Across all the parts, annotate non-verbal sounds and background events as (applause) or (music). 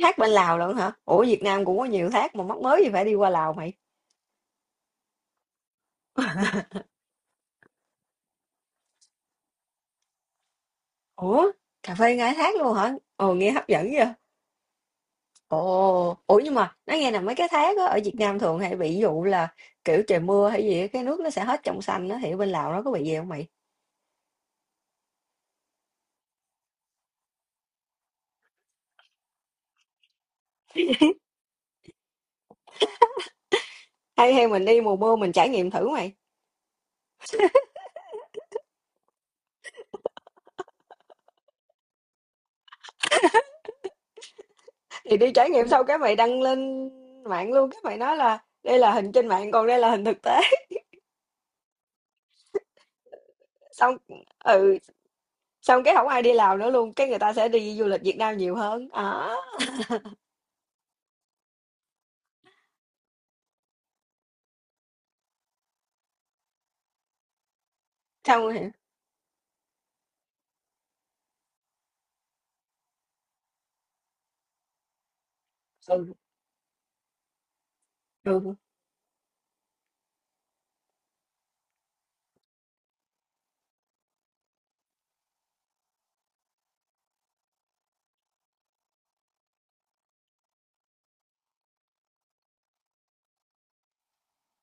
Thác bên Lào lận hả? Ủa Việt Nam cũng có nhiều thác mà, mắc mới gì phải đi qua Lào mày. (laughs) Ủa cà phê ngay thác luôn hả? Ồ nghe hấp dẫn vậy. Ồ ủa nhưng mà nói nghe là mấy cái thác á ở Việt Nam thường hay bị dụ là kiểu trời mưa hay gì á, cái nước nó sẽ hết trong xanh á, thì ở bên Lào nó có bị gì không mày? Hay hay mình đi mùa mưa mình trải nghiệm thử mày. Thì đi trải nghiệm xong cái mày đăng lên mạng luôn, cái mày nói là đây là hình trên mạng còn đây là hình thực tế. (laughs) Xong ừ xong cái không ai đi Lào nữa luôn, cái người ta sẽ đi du lịch Việt Nam nhiều hơn à. Xong rồi. Ừ, ừ.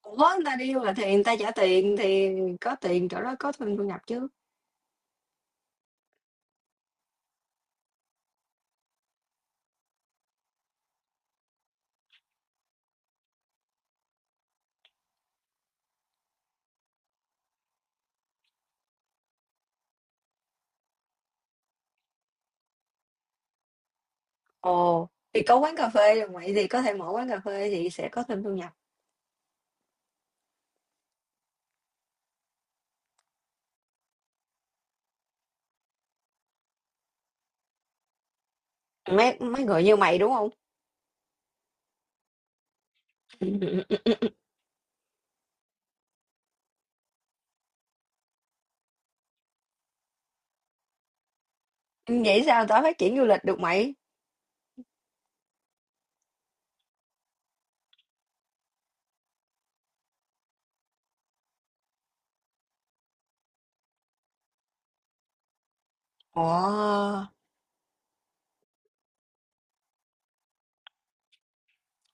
Ủa, người ta đi du lịch thì người ta trả tiền, thì có tiền chỗ đó có thêm thu nhập chứ. Ồ, thì có quán cà phê rồi mày thì có thể mở quán cà phê thì sẽ có thêm thu nhập. Mấy mấy người như mày đúng không? (laughs) Vậy sao tao phát triển du lịch được mày? Ồ,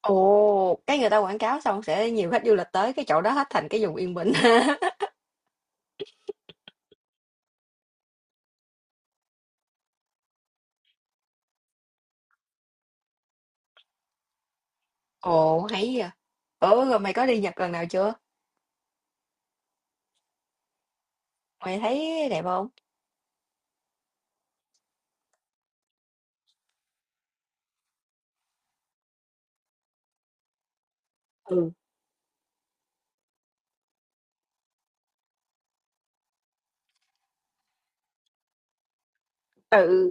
ồ, cái người ta quảng cáo xong sẽ nhiều khách du lịch tới cái chỗ đó hết thành cái vùng yên bình. (laughs) Ồ, hay vậy. Ủa rồi mày có đi Nhật lần nào chưa? Mày thấy đẹp không? Ừ. Ừ.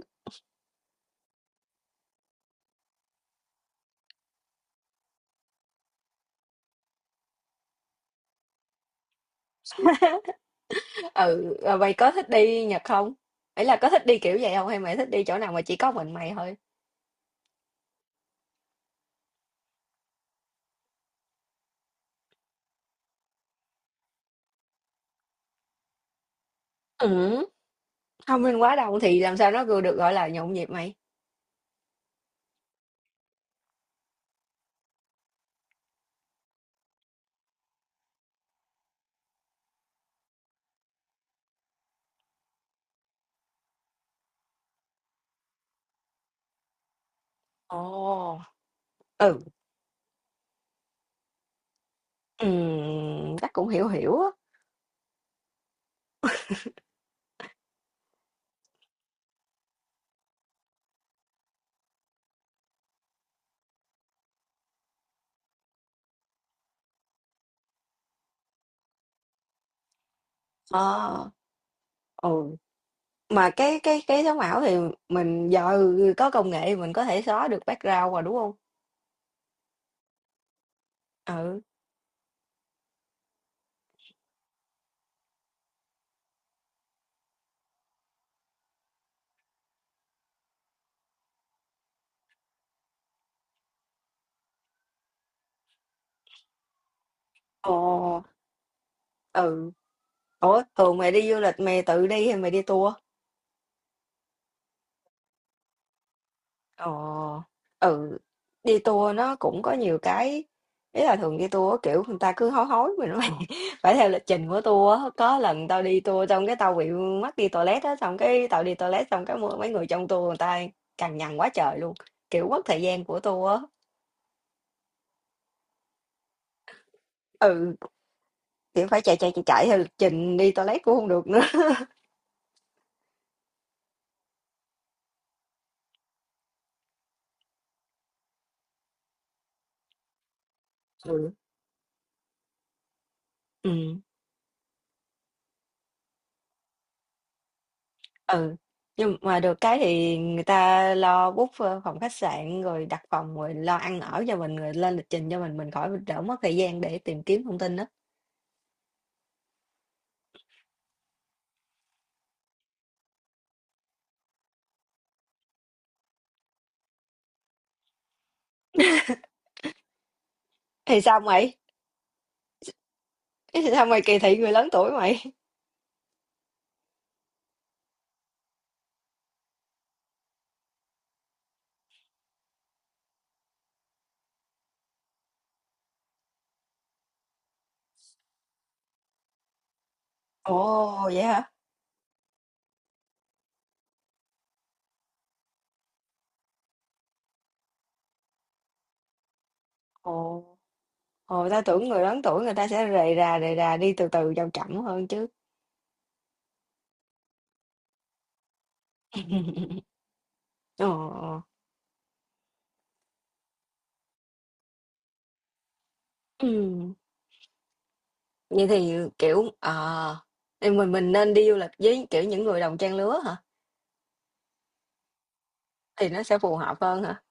Ừ rồi mày có thích đi Nhật không, ấy là có thích đi kiểu vậy không hay mày thích đi chỗ nào mà chỉ có mình mày thôi? Ừ, thông minh quá đông thì làm sao nó vừa được gọi là nhộn nhịp mày? Ồ. Ừ. Chắc cũng hiểu hiểu á. Ờ. Ừ. Mà cái sống ảo thì mình giờ có công nghệ mình có thể xóa được background rồi đúng không? Ừ. Ồ. Ừ. Ủa thường mày đi du lịch mày tự đi hay mày đi tour? Ờ, ừ, đi tour nó cũng có nhiều cái, ý là thường đi tour á, kiểu người ta cứ hối hối mình phải, (laughs) phải theo lịch trình của tour á. Có lần tao đi tour xong cái tao bị mắc đi toilet á, xong cái tao đi toilet xong cái mấy người trong tour người ta cằn nhằn quá trời luôn, kiểu mất thời gian của tour á. Ừ, kiểu phải chạy chạy chạy chạy theo lịch trình, đi toilet cũng không được nữa. (laughs) Ừ. Ừ. Ừ, nhưng mà được cái thì người ta lo book, phòng khách sạn, rồi đặt phòng, rồi lo ăn ở cho mình, rồi lên lịch trình cho mình khỏi đỡ mất thời gian để tìm kiếm thông tin đó. Thì sao mày? Thì sao mày kỳ thị người lớn tuổi mày? Ồ, vậy hả? Ồ, ồ, ta tưởng người lớn tuổi người ta sẽ rề rà, đi từ từ chậm chậm hơn chứ. (laughs) Ờ, ờ. Vậy thì, kiểu, thì mình nên đi du lịch với, kiểu, những người đồng trang lứa hả? Thì nó sẽ phù hợp hơn hả?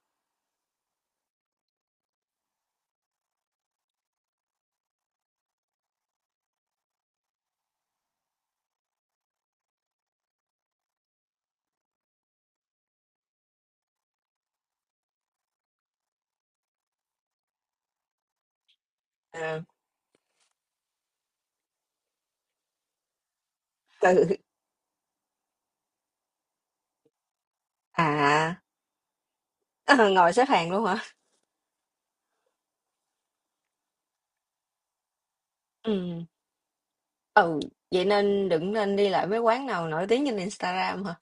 À. Ừ, à. Ờ, ngồi xếp hàng luôn hả? Ừm, ừ, vậy nên đừng nên đi lại mấy quán nào nổi tiếng trên Instagram hả?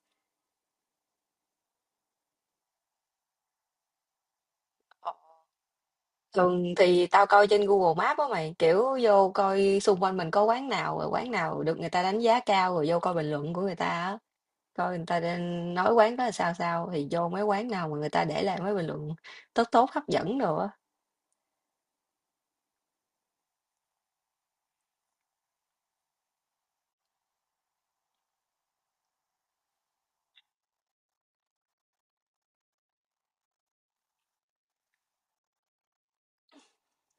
Ờ, thường thì tao coi trên Google Maps á mày, kiểu vô coi xung quanh mình có quán nào, rồi quán nào được người ta đánh giá cao, rồi vô coi bình luận của người ta á. Coi người ta đang nói quán đó là sao sao, thì vô mấy quán nào mà người ta để lại mấy bình luận tốt tốt hấp dẫn đồ á.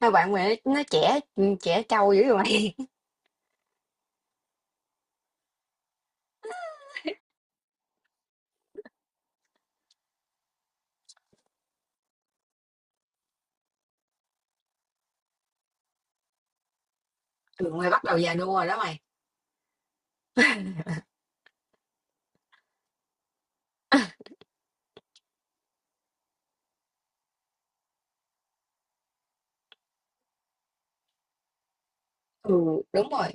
Mấy bạn mày nó trẻ trâu dữ vậy mày. (laughs) Trường mày bắt đầu già nua rồi đó mày. Ừ, đúng rồi.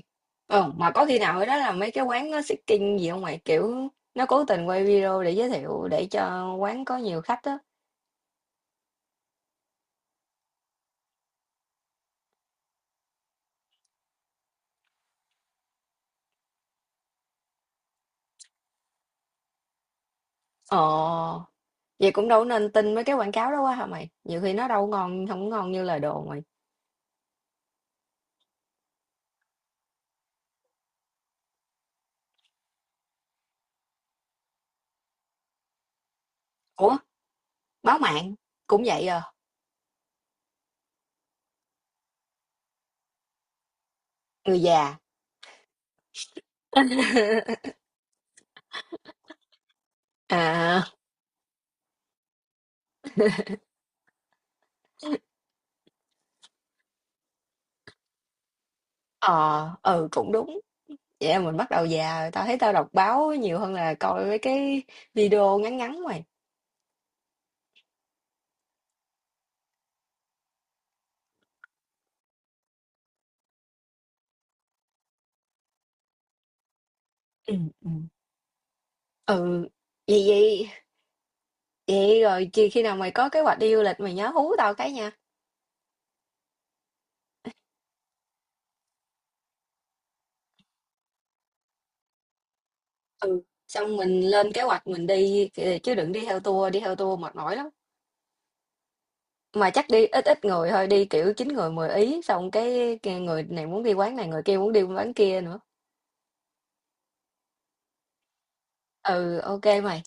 Ờ, mà có khi nào ở đó là mấy cái quán nó seeking gì không mày? Kiểu nó cố tình quay video để giới thiệu để cho quán có nhiều khách á. Ờ, vậy cũng đâu nên tin mấy cái quảng cáo đó quá hả mày? Nhiều khi nó đâu có ngon, không có ngon như lời đồn mày. Ủa, báo mạng cũng vậy à, người già. (laughs) À, ờ, ừ cũng đúng. Vậy là mình bắt đầu già rồi, tao thấy tao đọc báo nhiều hơn là coi mấy cái video ngắn ngắn mày. Ừ, ừ. Ừ, vậy vậy vậy rồi khi khi nào mày có kế hoạch đi du lịch mày nhớ hú tao cái nha. Ừ. Xong mình lên kế hoạch mình đi kìa, chứ đừng đi theo tour, đi theo tour mệt mỏi lắm. Mà chắc đi ít ít người thôi, đi kiểu chín người 10 ý, xong cái người này muốn đi quán này, người kia muốn đi quán kia nữa. Ừ ok mày.